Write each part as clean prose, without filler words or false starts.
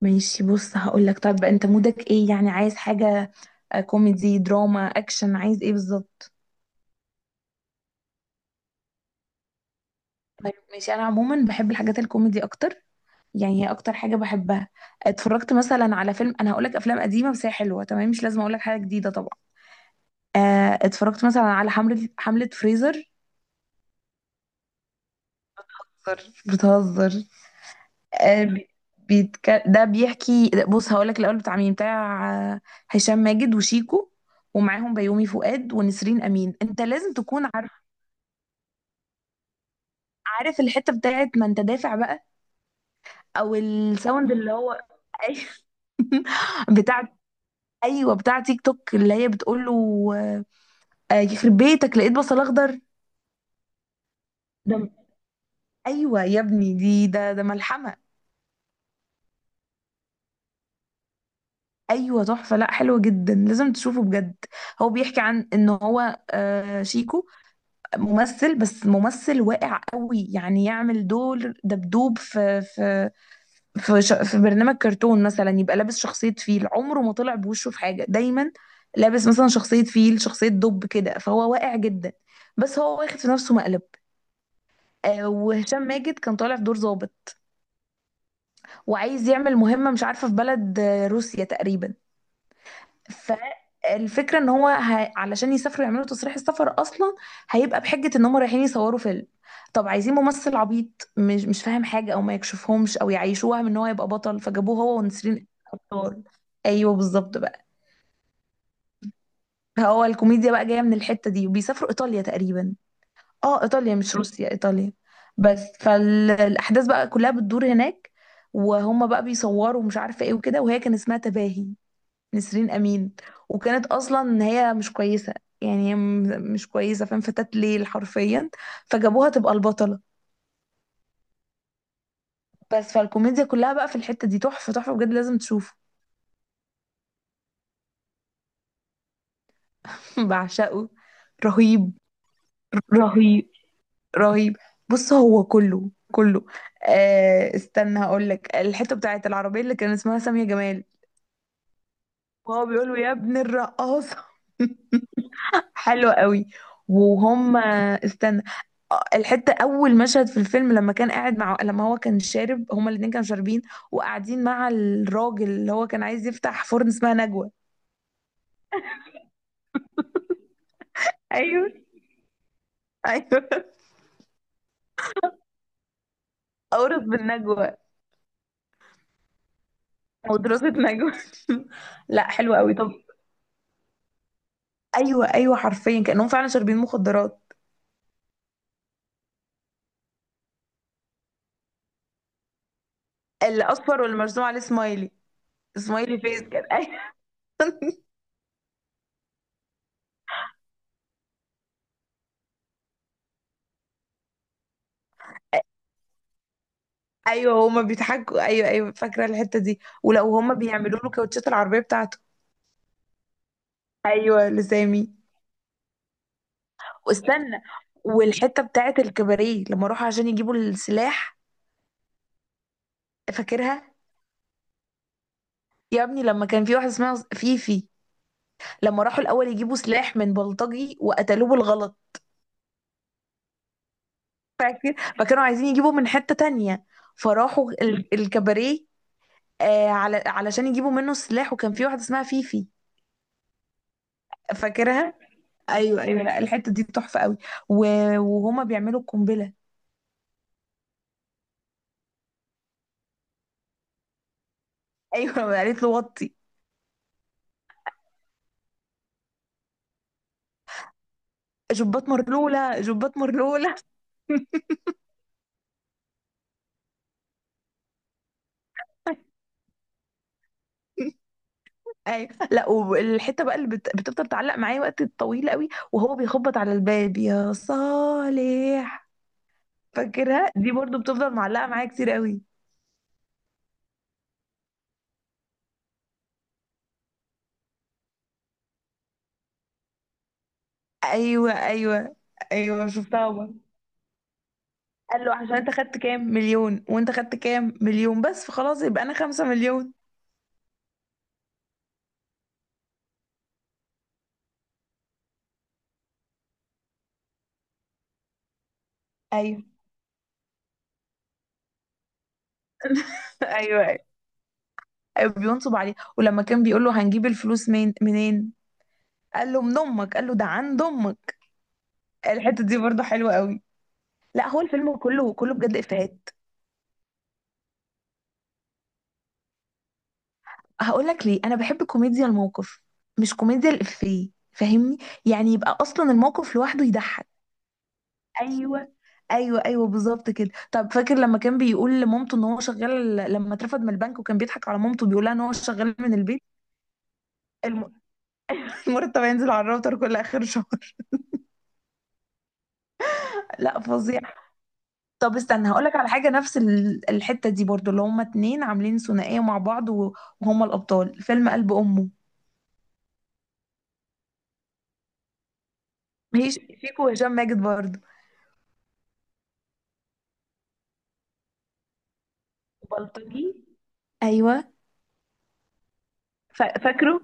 ماشي، بص هقولك. طب انت مودك ايه يعني؟ عايز حاجة؟ كوميدي دراما اكشن، عايز ايه بالظبط؟ طيب ماشي، انا عموما بحب الحاجات الكوميدي اكتر. يعني هي اكتر حاجة بحبها. اتفرجت مثلا على فيلم، انا هقولك افلام قديمة بس هي حلوة تمام، مش لازم اقولك حاجة جديدة طبعا. اتفرجت مثلا على حملة فريزر. بتهزر؟ آه، بي- ده بيحكي. بص هقولك الاول، بتاع مين؟ بتاع هشام ماجد وشيكو، ومعاهم بيومي فؤاد ونسرين امين، انت لازم تكون عارف. عارف الحتة بتاعت ما انت دافع بقى؟ او الساوند اللي هو... بتاعت. ايوه، بتاع تيك توك اللي هي بتقول له يخرب بيتك لقيت بصل اخضر. ده. ايوه يا ابني، دي ده ملحمه. ايوه تحفه، لا حلوه جدا، لازم تشوفه بجد. هو بيحكي عن ان هو شيكو ممثل، بس ممثل واقع قوي، يعني يعمل دور دبدوب في في في برنامج كرتون مثلا. يبقى لابس شخصية فيل، عمره ما طلع بوشه في حاجة دايما. لابس مثلا شخصية فيل، شخصية دب كده، فهو واقع جدا. بس هو واخد في نفسه مقلب. وهشام ماجد كان طالع في دور ضابط، وعايز يعمل مهمة مش عارفة في بلد روسيا تقريبا. فالفكرة ان هو علشان يسافروا يعملوا تصريح السفر اصلا، هيبقى بحجة ان هم رايحين يصوروا فيلم. طب عايزين ممثل عبيط مش فاهم حاجة، او ما يكشفهمش او يعيشوه وهم ان هو يبقى بطل، فجابوه هو ونسرين ابطال. ايوه بالظبط بقى. هو الكوميديا بقى جاية من الحتة دي، وبيسافروا ايطاليا تقريبا. اه ايطاليا مش روسيا، ايطاليا. بس فالاحداث بقى كلها بتدور هناك، وهم بقى بيصوروا مش عارفة ايه وكده. وهي كان اسمها تباهي، نسرين امين، وكانت اصلا نهايه مش كويسه. يعني هي مش كويسه فاهم، فتاة ليل حرفيا، فجابوها تبقى البطله. بس فالكوميديا كلها بقى في الحته دي، تحفه تحفه بجد لازم تشوفه. بعشقه. رهيب رهيب رهيب. بص هو كله كله. آه استنى هقول لك، الحته بتاعت العربيه اللي كان اسمها سامية جمال، وهو بيقول له يا ابن الرقاصه. حلو قوي. وهم استنى. الحتة، أول مشهد في الفيلم لما كان قاعد لما هو كان شارب، هما الاتنين كانوا شاربين، وقاعدين مع الراجل اللي هو كان عايز يفتح فرن اسمها نجوى. ايوه ايوه. أورث بالنجوى. أو دراسة نجوى. لا حلو قوي طب. أيوه أيوه، حرفيا كأنهم فعلا شاربين مخدرات. الأصفر واللي مرسوم عليه سمايلي. سمايلي فيس كده. أيوه. أيوه هما بيضحكوا. أيوه أيوه، فاكرة الحتة دي ولو هما بيعملوا له كاوتشات العربية بتاعته. ايوه لسامي. واستنى، والحته بتاعت الكباريه لما راحوا عشان يجيبوا السلاح، فاكرها؟ يا ابني لما كان في واحده اسمها فيفي، لما راحوا الاول يجيبوا سلاح من بلطجي وقتلوه بالغلط، فاكر؟ فكانوا عايزين يجيبوا من حته تانية، فراحوا الكباريه آه على علشان يجيبوا منه السلاح، وكان في واحده اسمها فيفي، فاكرها؟ ايوه ايوه، لا الحته دي تحفه قوي. و- وهما بيعملوا القنبله. ايوه قالت له وطي، جبات مرلوله جبات مرلوله. ايوه، لا والحته بقى اللي بتفضل تعلق معايا وقت طويل قوي، وهو بيخبط على الباب يا صالح، فاكرها؟ دي برضو بتفضل معلقه معايا كتير قوي. ايوه ايوه. ايوه شفتها برضه. قال له عشان انت خدت كام مليون وانت خدت كام مليون، بس فخلاص يبقى انا 5 مليون. ايوه ايوه ايوه. أيوة، بينصب عليه. ولما كان بيقول له هنجيب الفلوس من منين، قال له من امك، قال له ده عند امك. الحته دي برضو حلوه قوي. لا هو الفيلم كله كله بجد افيهات. هقول لك ليه، انا بحب كوميديا الموقف مش كوميديا الافيه فاهمني؟ يعني يبقى اصلا الموقف لوحده يضحك. ايوه ايوه ايوه بالظبط كده. طب فاكر لما كان بيقول لمامته ان هو شغال لما اترفد من البنك، وكان بيضحك على مامته بيقول لها ان هو شغال من البيت؟ الم- المرتب هينزل على الراوتر كل اخر شهر. لا فظيع. طب استنى هقول لك على حاجه نفس الحته دي برضو، اللي هما اتنين عاملين ثنائيه مع بعض. وهما الابطال فيلم قلب امه. هي شيكو وهشام ماجد برضو. بلطجي. ايوه فاكره.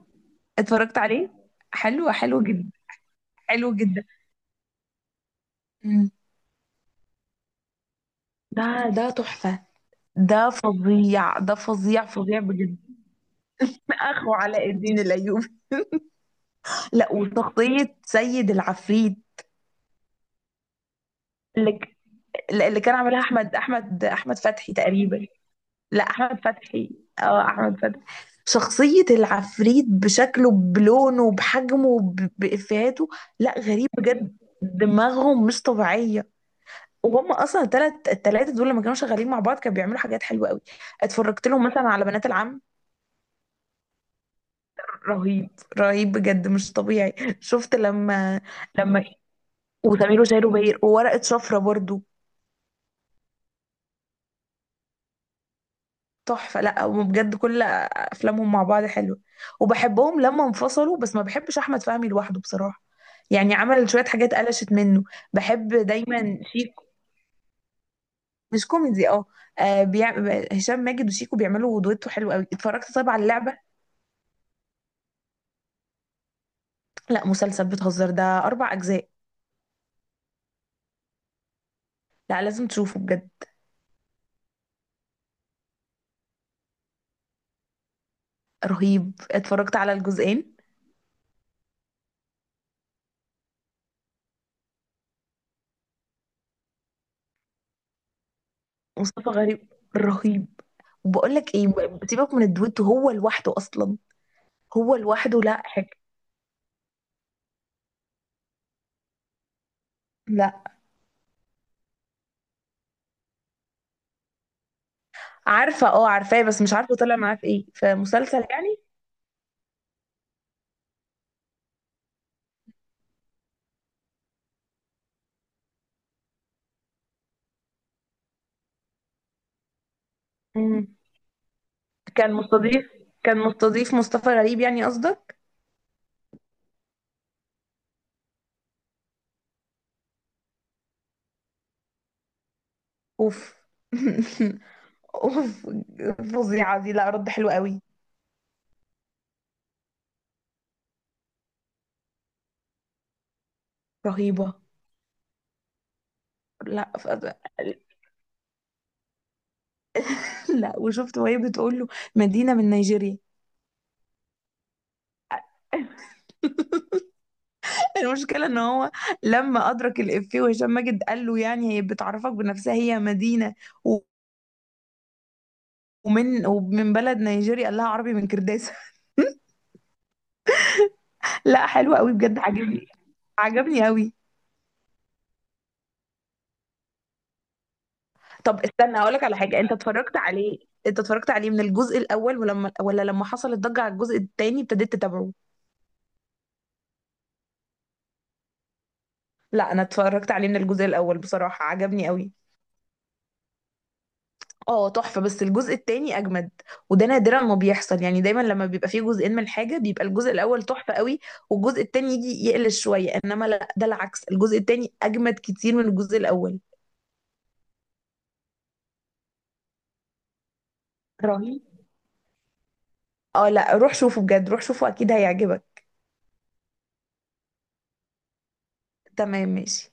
اتفرجت عليه. حلو حلو جدا. حلو جدا. مم. ده ده تحفة. ده فظيع، ده فظيع فظيع بجد. اخو علاء الدين الايوبي. لا وشخصيه سيد العفريت. اللي... اللي كان عاملها احمد فتحي تقريبا. لا احمد فتحي. اه احمد فتحي. شخصيه العفريت بشكله، بلونه، بحجمه، بافيهاته. لا غريب بجد، دماغهم مش طبيعيه. وهم اصلا التلاته دول لما كانوا شغالين مع بعض كانوا بيعملوا حاجات حلوه قوي. اتفرجت لهم مثلا على بنات العم. رهيب رهيب بجد مش طبيعي. شفت؟ لما وسمير وشهير وبهير وورقه شفره برضو. تحفه، لا هم بجد كل افلامهم مع بعض حلوه، وبحبهم. لما انفصلوا بس ما بحبش احمد فهمي لوحده بصراحه، يعني عمل شويه حاجات قلشت منه. بحب دايما شيكو. مش كوميدي اه. آه، بيع... هشام ماجد وشيكو بيعملوا دويتو حلو قوي. اتفرجت طبعا على اللعبه. لا مسلسل بتهزر، ده أربع أجزاء. لا لازم تشوفه بجد. رهيب اتفرجت على الجزئين. مصطفى غريب رهيب. وبقول لك ايه، سيبك من الدويتو، هو لوحده اصلا. هو لوحده لا حاجه. لا عارفه اه عارفاه، بس مش عارفه طلع معاه في ايه، في مسلسل يعني؟ مم. كان مستضيف كان مستضيف مصطفى غريب يعني قصدك. اوف. اوف. فظيعه دي، لا رد حلو قوي. رهيبه. لا لا وشفت وهي بتقول له مدينه من نيجيريا. المشكلة ان هو لما ادرك الافيه، وهشام ماجد قال له يعني هي بتعرفك بنفسها هي مدينة و- ومن بلد نيجيريا، قال لها عربي من كرداسة. لا حلو قوي بجد عجبني. عجبني قوي. طب استنى هقولك على حاجة، انت اتفرجت عليه؟ انت اتفرجت عليه من الجزء الاول ولا لما حصل الضجة على الجزء التاني ابتديت تتابعه؟ لا انا اتفرجت عليه من الجزء الاول بصراحة عجبني قوي. اه تحفة، بس الجزء التاني أجمد. وده نادرا ما بيحصل، يعني دايما لما بيبقى فيه جزئين من الحاجة بيبقى الجزء الأول تحفة قوي، والجزء التاني يجي يقلش شوية، إنما لا ده العكس، الجزء التاني أجمد كتير من الجزء الأول. رهيب. اه لا روح شوفه بجد، روح شوفه أكيد هيعجبك. تمام ماشي.